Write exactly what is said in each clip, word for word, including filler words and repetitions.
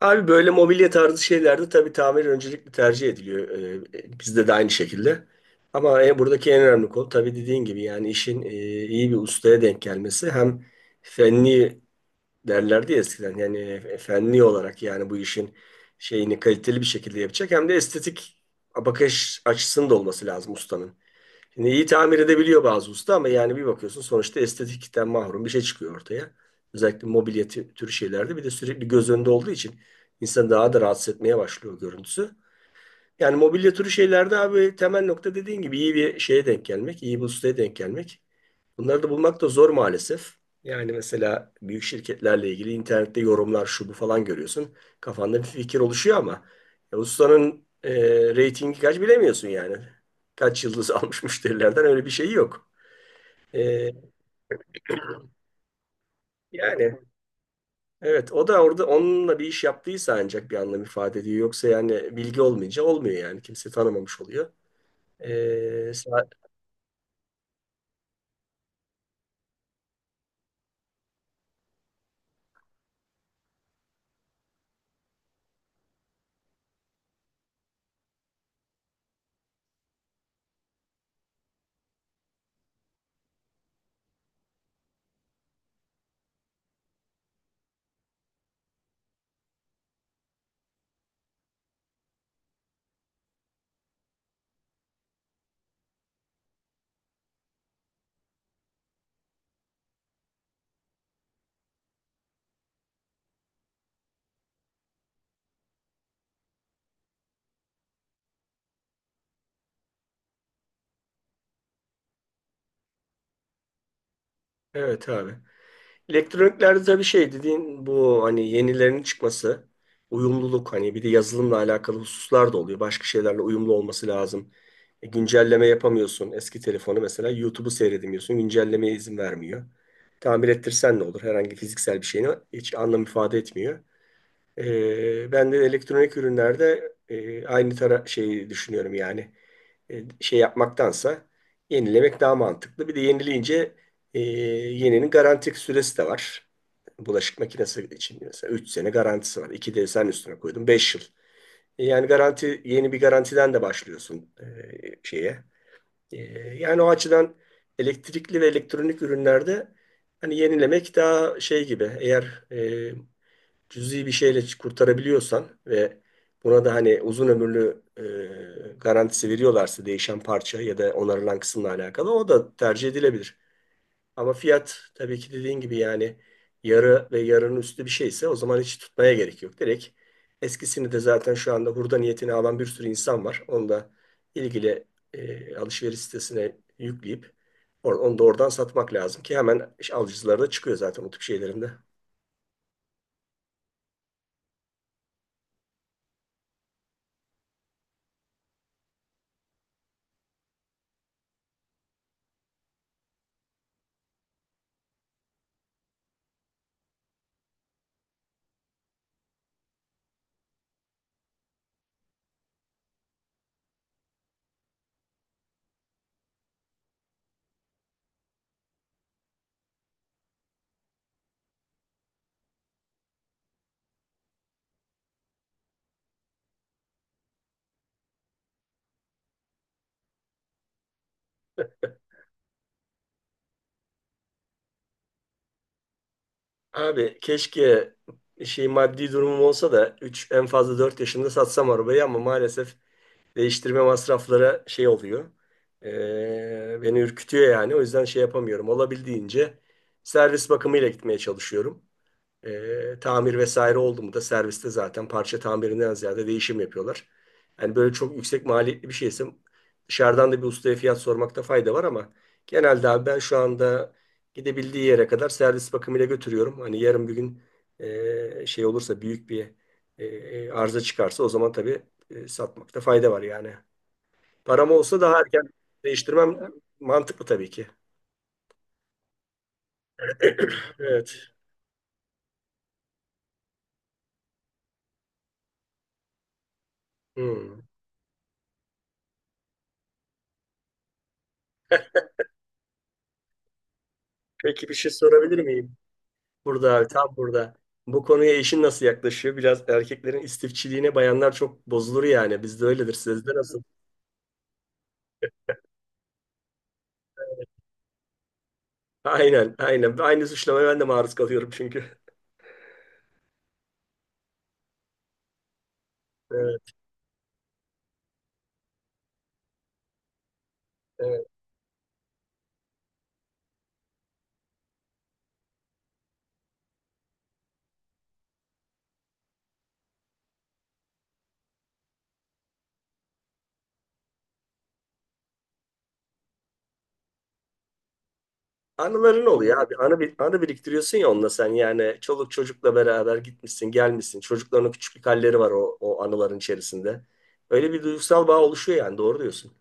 Abi böyle mobilya tarzı şeylerde tabii tamir öncelikli tercih ediliyor. Ee, bizde de aynı şekilde. Ama e, buradaki en önemli konu tabii dediğin gibi yani işin e, iyi bir ustaya denk gelmesi. Hem fenli derlerdi ya eskiden yani e, fenli olarak yani bu işin şeyini kaliteli bir şekilde yapacak. Hem de estetik bakış açısının da olması lazım ustanın. Şimdi iyi tamir edebiliyor bazı usta ama yani bir bakıyorsun sonuçta estetikten mahrum bir şey çıkıyor ortaya. Özellikle mobilya tü- türü şeylerde bir de sürekli göz önünde olduğu için insan daha da rahatsız etmeye başlıyor görüntüsü. Yani mobilya türü şeylerde abi temel nokta dediğin gibi iyi bir şeye denk gelmek, iyi bir ustaya denk gelmek. Bunları da bulmak da zor maalesef. Yani mesela büyük şirketlerle ilgili internette yorumlar şu bu falan görüyorsun. Kafanda bir fikir oluşuyor ama e, ustanın e, reytingi kaç bilemiyorsun yani. Kaç yıldız almış müşterilerden öyle bir şey yok. E, Yani evet o da orada onunla bir iş yaptıysa ancak bir anlam ifade ediyor. Yoksa yani bilgi olmayınca olmuyor yani. Kimse tanımamış oluyor. E, sa- evet abi. Elektroniklerde bir şey dediğin bu hani yenilerinin çıkması, uyumluluk hani bir de yazılımla alakalı hususlar da oluyor. Başka şeylerle uyumlu olması lazım. E, güncelleme yapamıyorsun. Eski telefonu mesela YouTube'u seyredemiyorsun. Güncellemeye izin vermiyor. Tamir ettirsen ne olur? Herhangi fiziksel bir şeyini hiç anlam ifade etmiyor. E, ben de elektronik ürünlerde e, aynı tara şey düşünüyorum yani e, şey yapmaktansa yenilemek daha mantıklı. Bir de yenileyince e, yeninin garanti süresi de var. Bulaşık makinesi için mesela üç sene garantisi var. iki de sen üstüne koydun beş yıl. E, Yani garanti yeni bir garantiden de başlıyorsun e, şeye. E, Yani o açıdan elektrikli ve elektronik ürünlerde hani yenilemek daha şey gibi eğer e, cüzi bir şeyle kurtarabiliyorsan ve buna da hani uzun ömürlü e, garantisi veriyorlarsa değişen parça ya da onarılan kısımla alakalı o da tercih edilebilir. Ama fiyat tabii ki dediğin gibi yani yarı ve yarının üstü bir şeyse o zaman hiç tutmaya gerek yok. Direkt eskisini de zaten şu anda hurda niyetini alan bir sürü insan var. Onu da ilgili e, alışveriş sitesine yükleyip or- onu da oradan satmak lazım ki hemen alıcıları da çıkıyor zaten o tip şeylerinde. Abi keşke şey maddi durumum olsa da üç en fazla dört yaşımda satsam arabayı ama maalesef değiştirme masrafları şey oluyor. Ee, beni ürkütüyor yani. O yüzden şey yapamıyorum. Olabildiğince servis bakımıyla gitmeye çalışıyorum. E, tamir vesaire oldu mu da serviste zaten parça tamirinden ziyade değişim yapıyorlar. Yani böyle çok yüksek maliyetli bir şeyse dışarıdan da bir ustaya fiyat sormakta fayda var ama genelde abi ben şu anda gidebildiği yere kadar servis bakımıyla götürüyorum. Hani yarın bir gün e, şey olursa büyük bir e, arıza çıkarsa o zaman tabii e, satmakta fayda var yani. Param olsa daha erken değiştirmem mantıklı tabii ki. Evet. Hmm. Peki bir şey sorabilir miyim? Burada abi tam burada. Bu konuya eşin nasıl yaklaşıyor? Biraz erkeklerin istifçiliğine bayanlar çok bozulur yani. Bizde öyledir. Sizde nasıl? Aynen, aynen. Aynı suçlamaya ben de maruz kalıyorum çünkü. Evet, evet. Anıların oluyor abi. Anı, bir- anı biriktiriyorsun ya onunla sen yani. Çoluk çocukla beraber gitmişsin gelmişsin. Çocukların küçüklük halleri var o, o anıların içerisinde. Öyle bir duygusal bağ oluşuyor yani doğru diyorsun.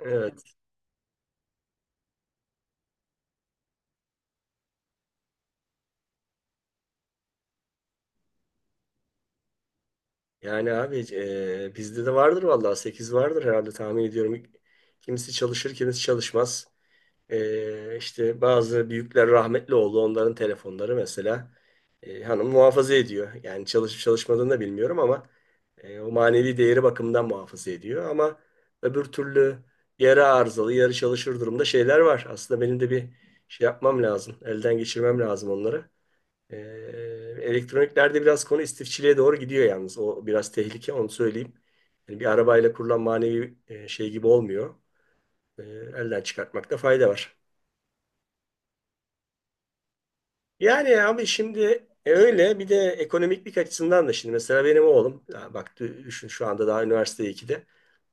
Evet. Yani abi e, bizde de vardır vallahi sekiz vardır herhalde tahmin ediyorum. Kimisi çalışır, kimisi çalışmaz. Ee, işte bazı büyükler rahmetli oldu. Onların telefonları mesela e, hanım muhafaza ediyor. Yani çalışıp çalışmadığını da bilmiyorum ama e, o manevi değeri bakımından muhafaza ediyor. Ama öbür türlü yarı arızalı, yarı çalışır durumda şeyler var. Aslında benim de bir şey yapmam lazım. Elden geçirmem lazım onları. Ee, Elektroniklerde biraz konu istifçiliğe doğru gidiyor yalnız. O biraz tehlike, onu söyleyeyim. Yani bir arabayla kurulan manevi e, şey gibi olmuyor. Ee, elden çıkartmakta fayda var. Yani abi şimdi e, öyle bir de ekonomiklik açısından da şimdi mesela benim oğlum ya bak dü- düşün şu anda daha üniversite ikide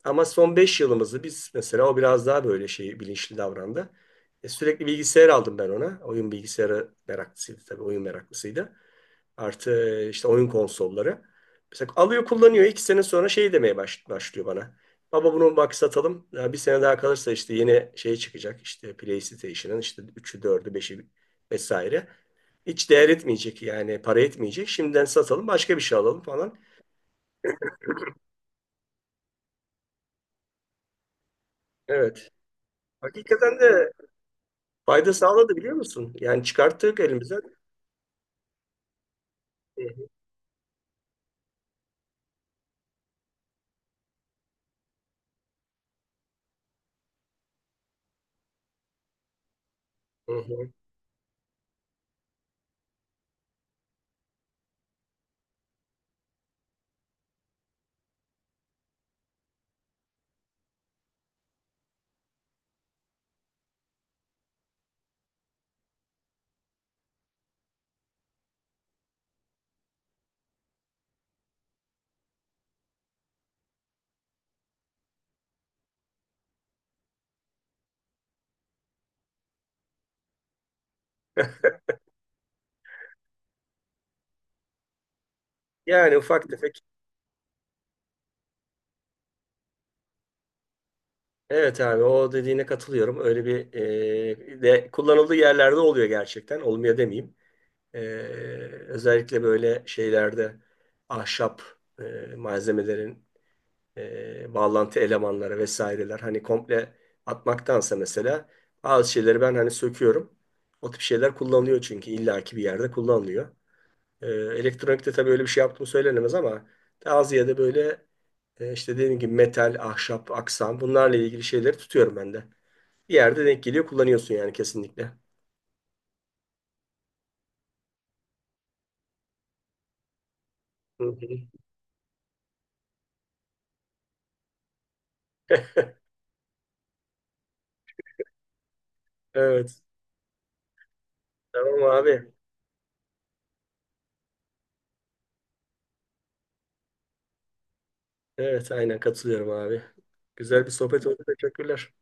ama son beş yılımızı biz mesela o biraz daha böyle şey bilinçli davrandı. E, sürekli bilgisayar aldım ben ona. Oyun bilgisayarı meraklısıydı, tabii oyun meraklısıydı. Artı işte oyun konsolları. Mesela alıyor kullanıyor. iki sene sonra şey demeye baş- başlıyor bana. Baba bunu bak satalım. Ya bir sene daha kalırsa işte yeni şey çıkacak. İşte PlayStation'ın işte üçü dördü beşi vesaire. Hiç değer etmeyecek yani, para etmeyecek. Şimdiden satalım, başka bir şey alalım falan. Evet. Hakikaten de fayda sağladı, biliyor musun? Yani çıkarttık elimizden. Hı hı, hı. Yani ufak tefek. Evet abi, o dediğine katılıyorum. Öyle bir e, de kullanıldığı yerlerde oluyor gerçekten. Olmuyor demeyeyim. E, Özellikle böyle şeylerde ahşap e, malzemelerin e, bağlantı elemanları vesaireler hani komple atmaktansa mesela bazı şeyleri ben hani söküyorum. O tip şeyler kullanılıyor çünkü illaki bir yerde kullanılıyor. E, elektronikte tabii öyle bir şey yaptığım söylenemez ama daha ziyade böyle e, işte dediğim gibi metal, ahşap, aksam bunlarla ilgili şeyleri tutuyorum ben de. Bir yerde denk geliyor kullanıyorsun yani kesinlikle. Hı hı. Evet. Tamam abi. Evet aynen katılıyorum abi. Güzel bir sohbet oldu. Teşekkürler.